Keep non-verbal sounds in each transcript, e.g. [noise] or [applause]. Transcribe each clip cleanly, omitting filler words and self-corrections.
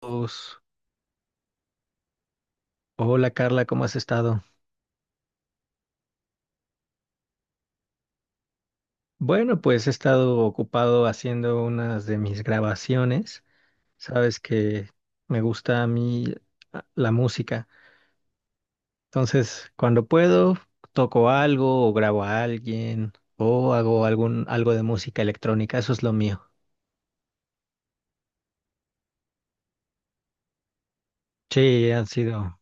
Pues, Hola Carla, ¿cómo has estado? Bueno, pues he estado ocupado haciendo unas de mis grabaciones. Sabes que me gusta a mí la música. Entonces, cuando puedo, toco algo o grabo a alguien o hago algún algo de música electrónica. Eso es lo mío. Sí, han sido.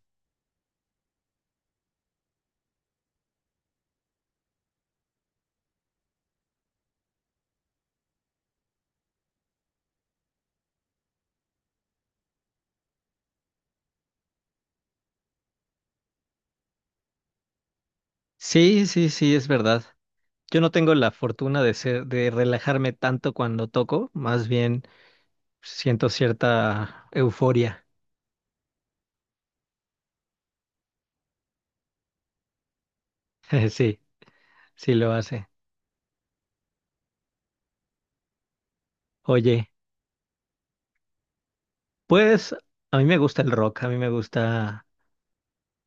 Sí, sí, sí, es verdad. Yo no tengo la fortuna de ser, de relajarme tanto cuando toco, más bien siento cierta euforia. [laughs] Sí. Sí lo hace. Oye, pues a mí me gusta el rock, a mí me gusta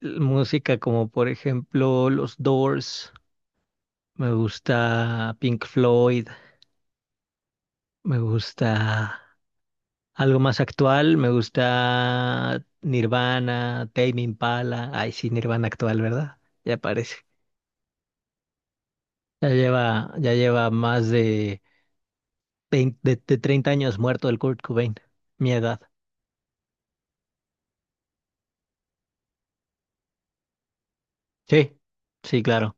música como por ejemplo los Doors, me gusta Pink Floyd, me gusta algo más actual, me gusta Nirvana, Tame Impala, ay sí, Nirvana actual, ¿verdad? Ya parece. Ya lleva más de de 30 años muerto el Kurt Cobain, mi edad. Sí, sí, claro.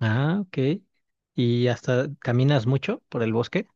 Ah, ok. ¿Y hasta caminas mucho por el bosque?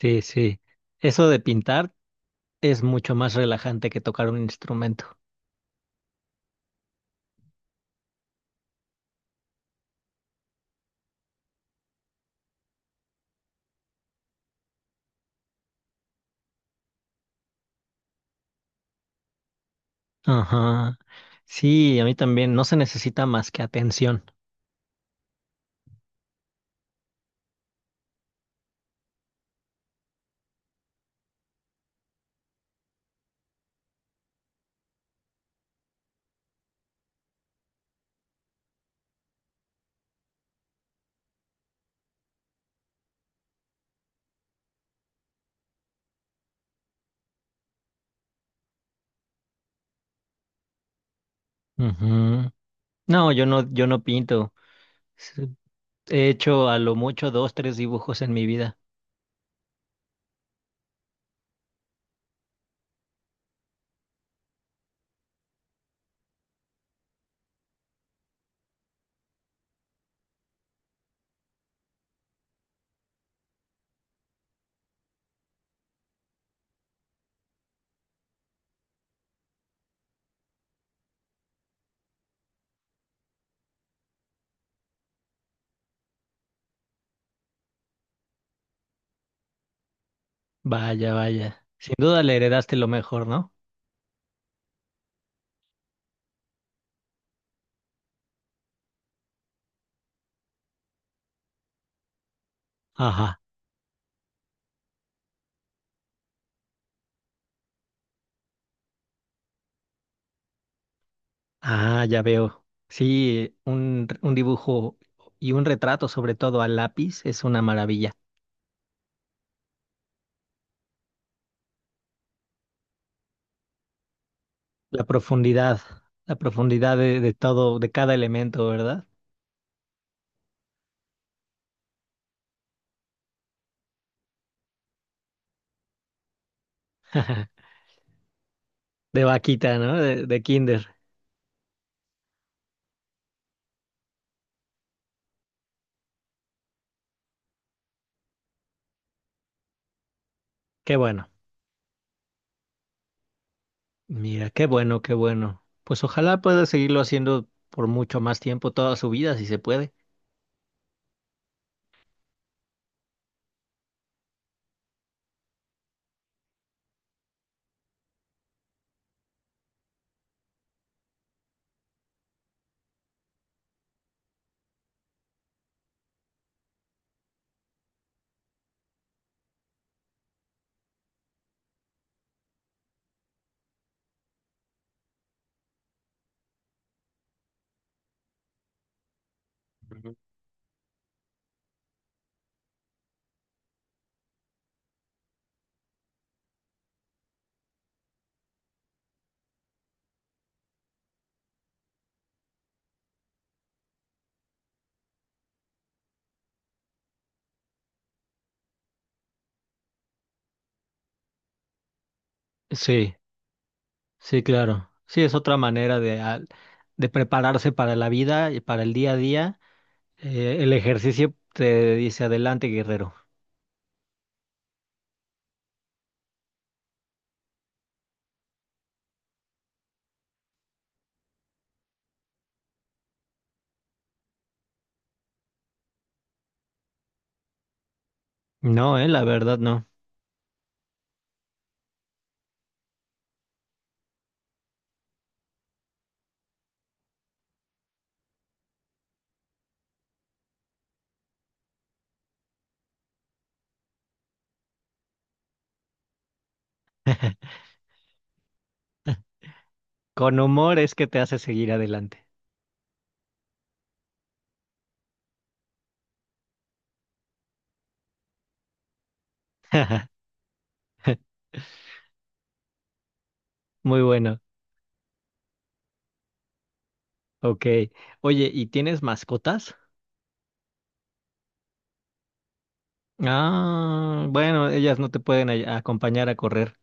Sí, sí. Eso de pintar es mucho más relajante que tocar un instrumento. Ajá. Sí, a mí también. No se necesita más que atención. Ujú. No, yo no pinto. He hecho a lo mucho dos, tres dibujos en mi vida. Vaya, vaya. Sin duda le heredaste lo mejor, ¿no? Ajá. Ah, ya veo. Sí, un dibujo y un retrato, sobre todo a lápiz, es una maravilla. La profundidad, la profundidad de todo, de cada elemento, ¿verdad? [laughs] De vaquita, ¿no? De kinder. Qué bueno. Mira, qué bueno, qué bueno. Pues ojalá pueda seguirlo haciendo por mucho más tiempo, toda su vida, si se puede. Sí. Sí, claro. Sí, es otra manera de, de prepararse para la vida y para el día a día. El ejercicio te dice adelante, guerrero. No, la verdad no. Con humor es que te hace seguir adelante. [laughs] Muy bueno. Ok. Oye, ¿y tienes mascotas? Ah, bueno, ellas no te pueden acompañar a correr.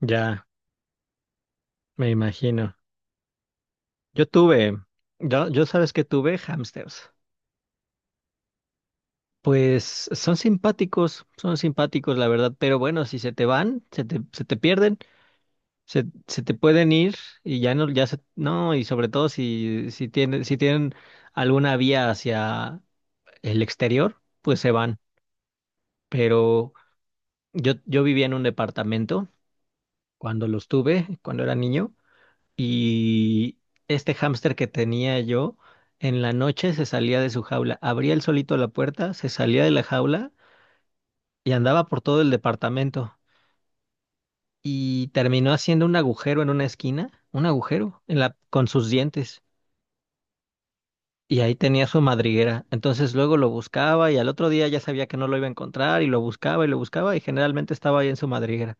Ya, me imagino. Yo tuve, yo sabes que tuve hamsters. Pues son simpáticos, la verdad, pero bueno, si se te van, se te pierden, se te pueden ir y ya no, ya se, no, y sobre todo si, si tienen alguna vía hacia el exterior, pues se van. Pero yo vivía en un departamento cuando los tuve, cuando era niño, y este hámster que tenía yo, en la noche se salía de su jaula, abría él solito la puerta, se salía de la jaula y andaba por todo el departamento. Y terminó haciendo un agujero en una esquina, un agujero en la, con sus dientes. Y ahí tenía su madriguera. Entonces luego lo buscaba y al otro día ya sabía que no lo iba a encontrar y lo buscaba y lo buscaba y generalmente estaba ahí en su madriguera.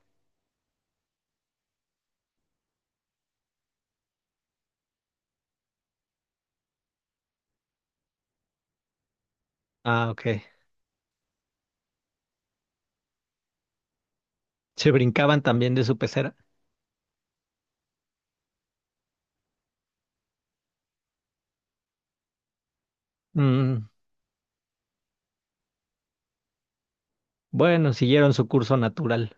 Ah, ok. [laughs] Se brincaban también de su pecera. Mm, bueno, siguieron su curso natural.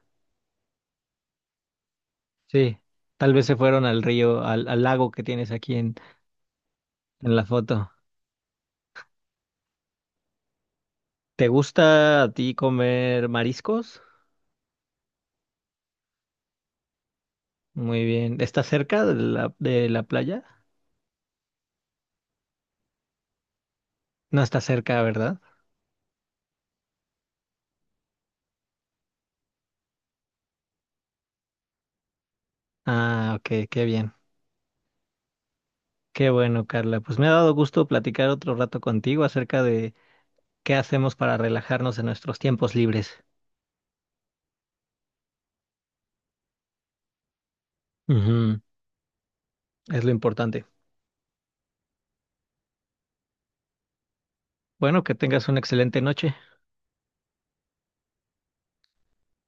Sí. Tal vez se fueron al río, al, al lago que tienes aquí en la foto. ¿Te gusta a ti comer mariscos? Muy bien. ¿Estás cerca de de la playa? No está cerca, ¿verdad? Ah, ok, qué bien. Qué bueno, Carla. Pues me ha dado gusto platicar otro rato contigo acerca de qué hacemos para relajarnos en nuestros tiempos libres. Ujú, es lo importante. Bueno, que tengas una excelente noche.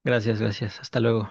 Gracias, gracias. Hasta luego.